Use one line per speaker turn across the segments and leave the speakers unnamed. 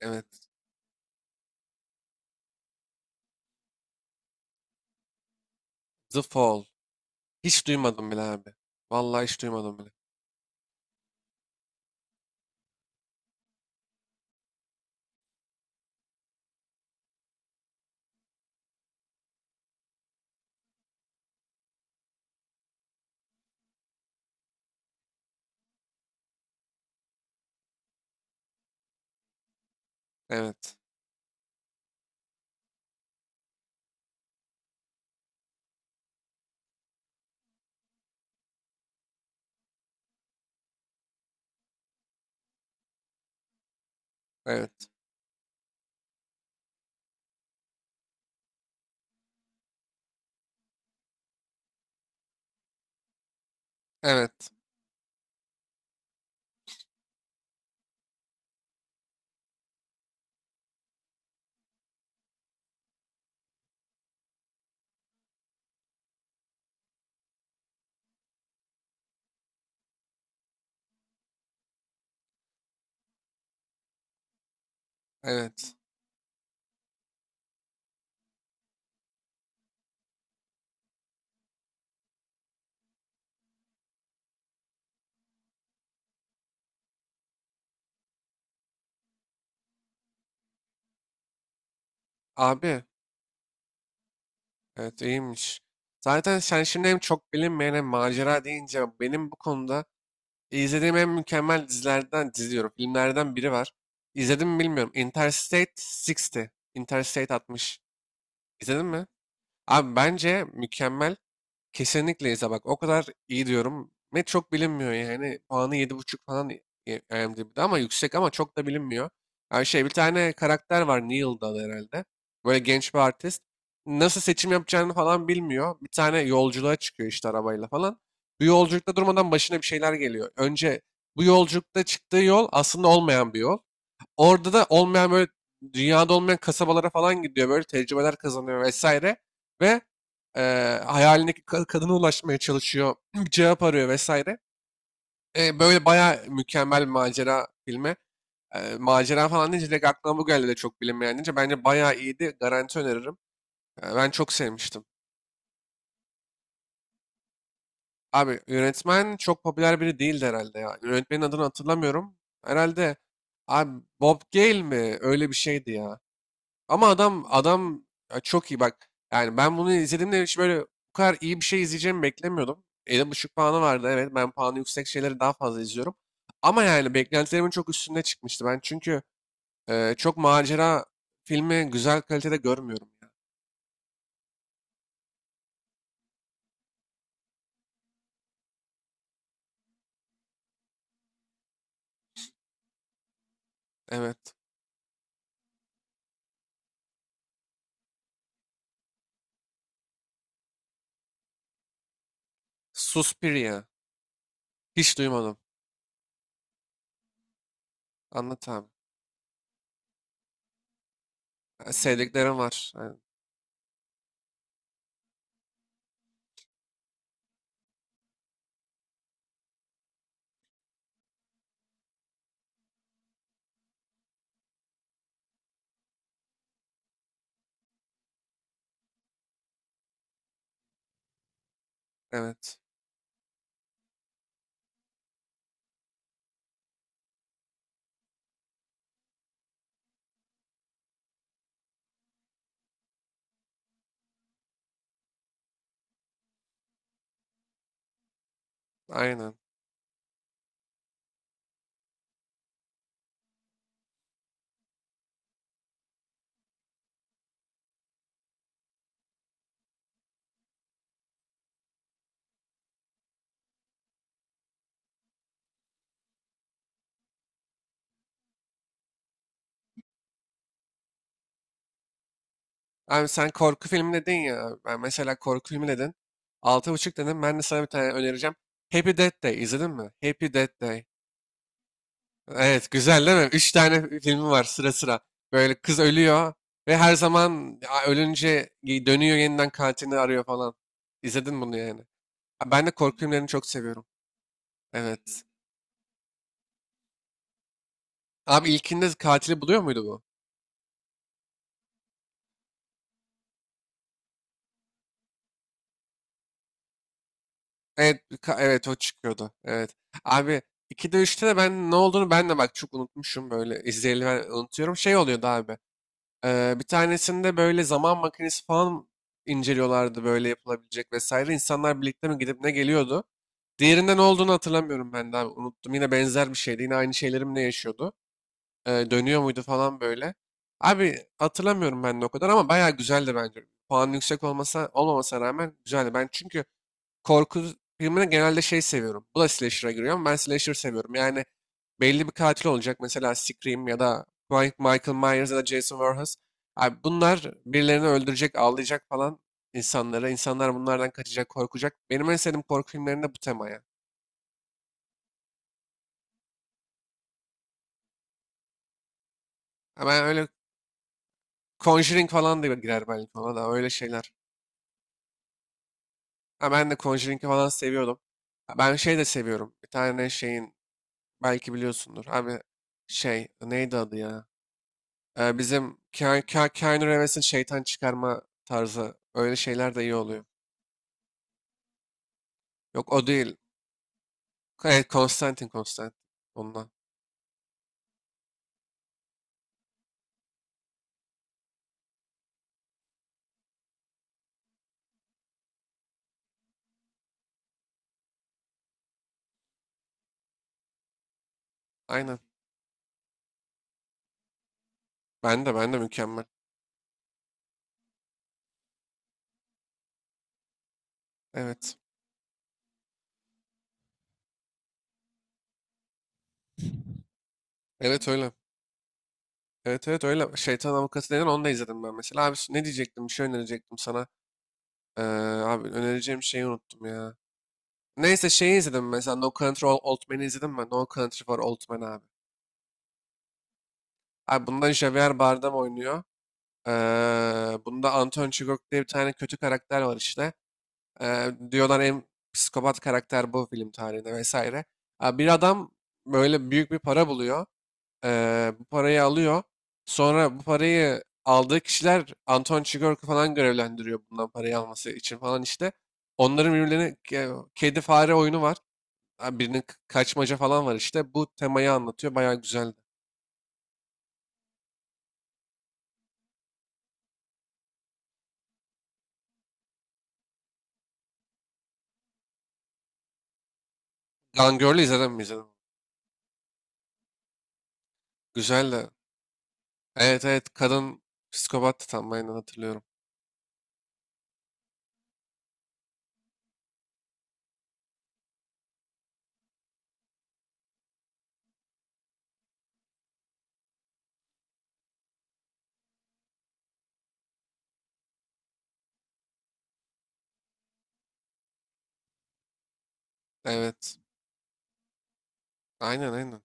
Evet. The Fall. Hiç duymadım bile abi. Vallahi hiç duymadım bile. Evet. Evet. Evet. Evet. Abi. Evet, iyiymiş. Zaten sen şimdi hem çok bilinmeyen hem macera deyince benim bu konuda izlediğim en mükemmel dizilerden diziyorum. Filmlerden biri var. İzledim mi bilmiyorum. Interstate 60. Interstate 60. İzledin mi? Abi bence mükemmel. Kesinlikle İza bak o kadar iyi diyorum. Ve çok bilinmiyor yani. Puanı yedi buçuk falan IMDb'de ama yüksek ama çok da bilinmiyor. Yani şey, bir tane karakter var, Neil'da adı herhalde. Böyle genç bir artist. Nasıl seçim yapacağını falan bilmiyor. Bir tane yolculuğa çıkıyor işte arabayla falan. Bu yolculukta durmadan başına bir şeyler geliyor. Önce bu yolculukta çıktığı yol aslında olmayan bir yol. Orada da olmayan, böyle dünyada olmayan kasabalara falan gidiyor, böyle tecrübeler kazanıyor vesaire ve hayalindeki kadına ulaşmaya çalışıyor, bir cevap arıyor vesaire. Böyle bayağı mükemmel bir macera filmi. Macera falan deyince direkt aklıma bu geldi de, çok bilinmeyen deyince bence bayağı iyiydi, garanti öneririm. Ben çok sevmiştim. Abi yönetmen çok popüler biri değildi herhalde ya. Yönetmenin adını hatırlamıyorum. Herhalde abi Bob Gale mi? Öyle bir şeydi ya. Ama adam ya çok iyi bak. Yani ben bunu izlediğimde hiç böyle bu kadar iyi bir şey izleyeceğimi beklemiyordum. 7,5 puanı vardı, evet. Ben puanı yüksek şeyleri daha fazla izliyorum. Ama yani beklentilerimin çok üstünde çıkmıştı. Ben çünkü çok macera filmi güzel kalitede görmüyorum. Evet. Suspiria. Hiç duymadım. Anlat abi. Ha, sevdiklerim var. Ha. Evet. Aynen. Abi sen korku filmi dedin ya. Ben mesela korku filmi dedin. Altı buçuk dedim. Ben de sana bir tane önereceğim. Happy Death Day. İzledin mi? Happy Death Day. Evet, güzel değil mi? 3 tane filmi var sıra sıra. Böyle kız ölüyor ve her zaman ölünce dönüyor, yeniden katilini arıyor falan. İzledin bunu yani. Ha, ben de korku filmlerini çok seviyorum. Evet. Abi ilkinde katili buluyor muydu bu? Evet, evet o çıkıyordu. Evet. Abi 2'de üçte de ben ne olduğunu, ben de bak çok unutmuşum, böyle izleyeli ben unutuyorum. Şey oluyordu abi. Bir tanesinde böyle zaman makinesi falan inceliyorlardı, böyle yapılabilecek vesaire. İnsanlar birlikte mi gidip ne geliyordu. Diğerinde ne olduğunu hatırlamıyorum ben de abi, unuttum. Yine benzer bir şeydi. Yine aynı şeyleri ne yaşıyordu. Dönüyor muydu falan böyle. Abi hatırlamıyorum ben de o kadar, ama bayağı güzeldi bence. Puan yüksek olmasa olmamasına rağmen güzeldi. Ben çünkü korku filmine genelde şey seviyorum. Bu da slasher'a giriyor, ama ben slasher seviyorum. Yani belli bir katil olacak. Mesela Scream ya da Michael Myers ya da Jason Voorhees. Abi bunlar birilerini öldürecek, ağlayacak falan insanlara. İnsanlar bunlardan kaçacak, korkacak. Benim en sevdiğim korku filmlerinde bu temaya. Hemen öyle Conjuring falan da girer belki, ona da öyle şeyler. Ha, ben de Conjuring'i falan seviyordum. Ha, ben şey de seviyorum. Bir tane şeyin belki biliyorsundur. Abi şey neydi adı ya? Bizim Keanu Reeves'in şeytan çıkarma tarzı öyle şeyler de iyi oluyor. Yok, o değil. Evet, Konstantin, Konstantin. Ondan. Aynen. Ben de mükemmel. Evet. Evet öyle. Evet evet öyle. Şeytan Avukatı denen onu da izledim ben mesela. Abi ne diyecektim? Bir şey önerecektim sana. Ee, Abi önereceğim şeyi unuttum ya. Neyse, şeyi izledim mesela, No Country for Old Men'i izledim ben. No Country for Old Men abi. Abi bunda Javier Bardem oynuyor. Ee, Bunda Anton Chigurh diye bir tane kötü karakter var işte. Diyorlar en psikopat karakter bu film tarihinde vesaire. Abi bir adam böyle büyük bir para buluyor. Bu parayı alıyor. Sonra bu parayı aldığı kişiler Anton Chigurh'u falan görevlendiriyor bundan parayı alması için falan işte. Onların birbirlerine kedi fare oyunu var. Abi birinin kaçmaca falan var işte. Bu temayı anlatıyor. Bayağı güzeldi. Gone Girl'ü izledin mi, izledim. Güzeldi. Evet evet, kadın psikopattı tam, aynen hatırlıyorum. Evet. Aynen aynen.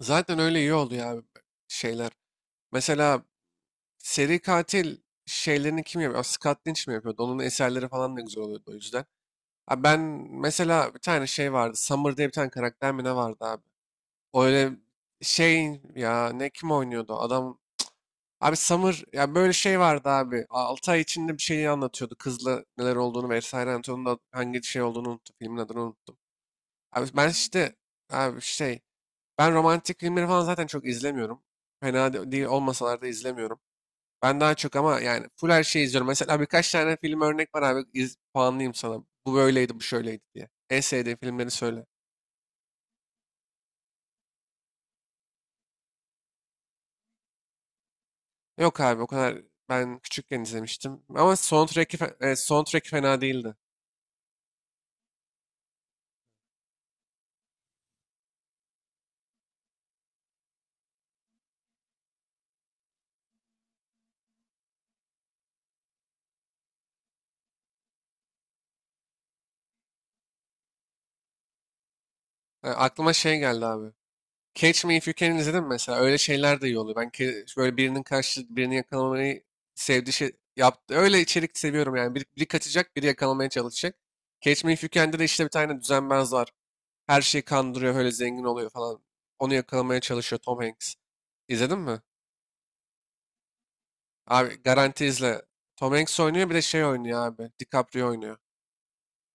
Zaten öyle iyi oluyor abi şeyler. Mesela seri katil şeylerini kim yapıyor? Aa, Scott Lynch mi yapıyordu? Onun eserleri falan da güzel oluyordu o yüzden. Abi ben mesela bir tane şey vardı. Summer diye bir tane karakter mi ne vardı abi? O öyle şey ya, ne, kim oynuyordu? Adam, abi Summer ya, böyle şey vardı abi. 6 ay içinde bir şeyi anlatıyordu. Kızla neler olduğunu vesaire anlatıyordu. Onun da hangi şey olduğunu unuttum. Filmin adını unuttum. Abi ben işte abi şey, ben romantik filmleri falan zaten çok izlemiyorum. Fena değil olmasalar da izlemiyorum. Ben daha çok, ama yani full her şeyi izliyorum. Mesela birkaç tane film örnek var abi. İz, puanlayayım sana. Bu böyleydi, bu şöyleydi diye. En sevdiğin filmleri söyle. Yok abi o kadar, ben küçükken izlemiştim. Ama soundtrack'i, soundtrack fena değildi. Aklıma şey geldi abi. Catch Me If You Can'i izledim mesela. Öyle şeyler de iyi oluyor. Ben böyle birinin karşı birini yakalamayı sevdiği şey yaptı. Öyle içerik seviyorum yani. Biri, biri kaçacak, biri yakalamaya çalışacak. Catch Me If You Can'de de işte bir tane düzenbaz var. Her şeyi kandırıyor, öyle zengin oluyor falan. Onu yakalamaya çalışıyor Tom Hanks. İzledin mi? Abi garanti izle. Tom Hanks oynuyor, bir de şey oynuyor abi. DiCaprio oynuyor.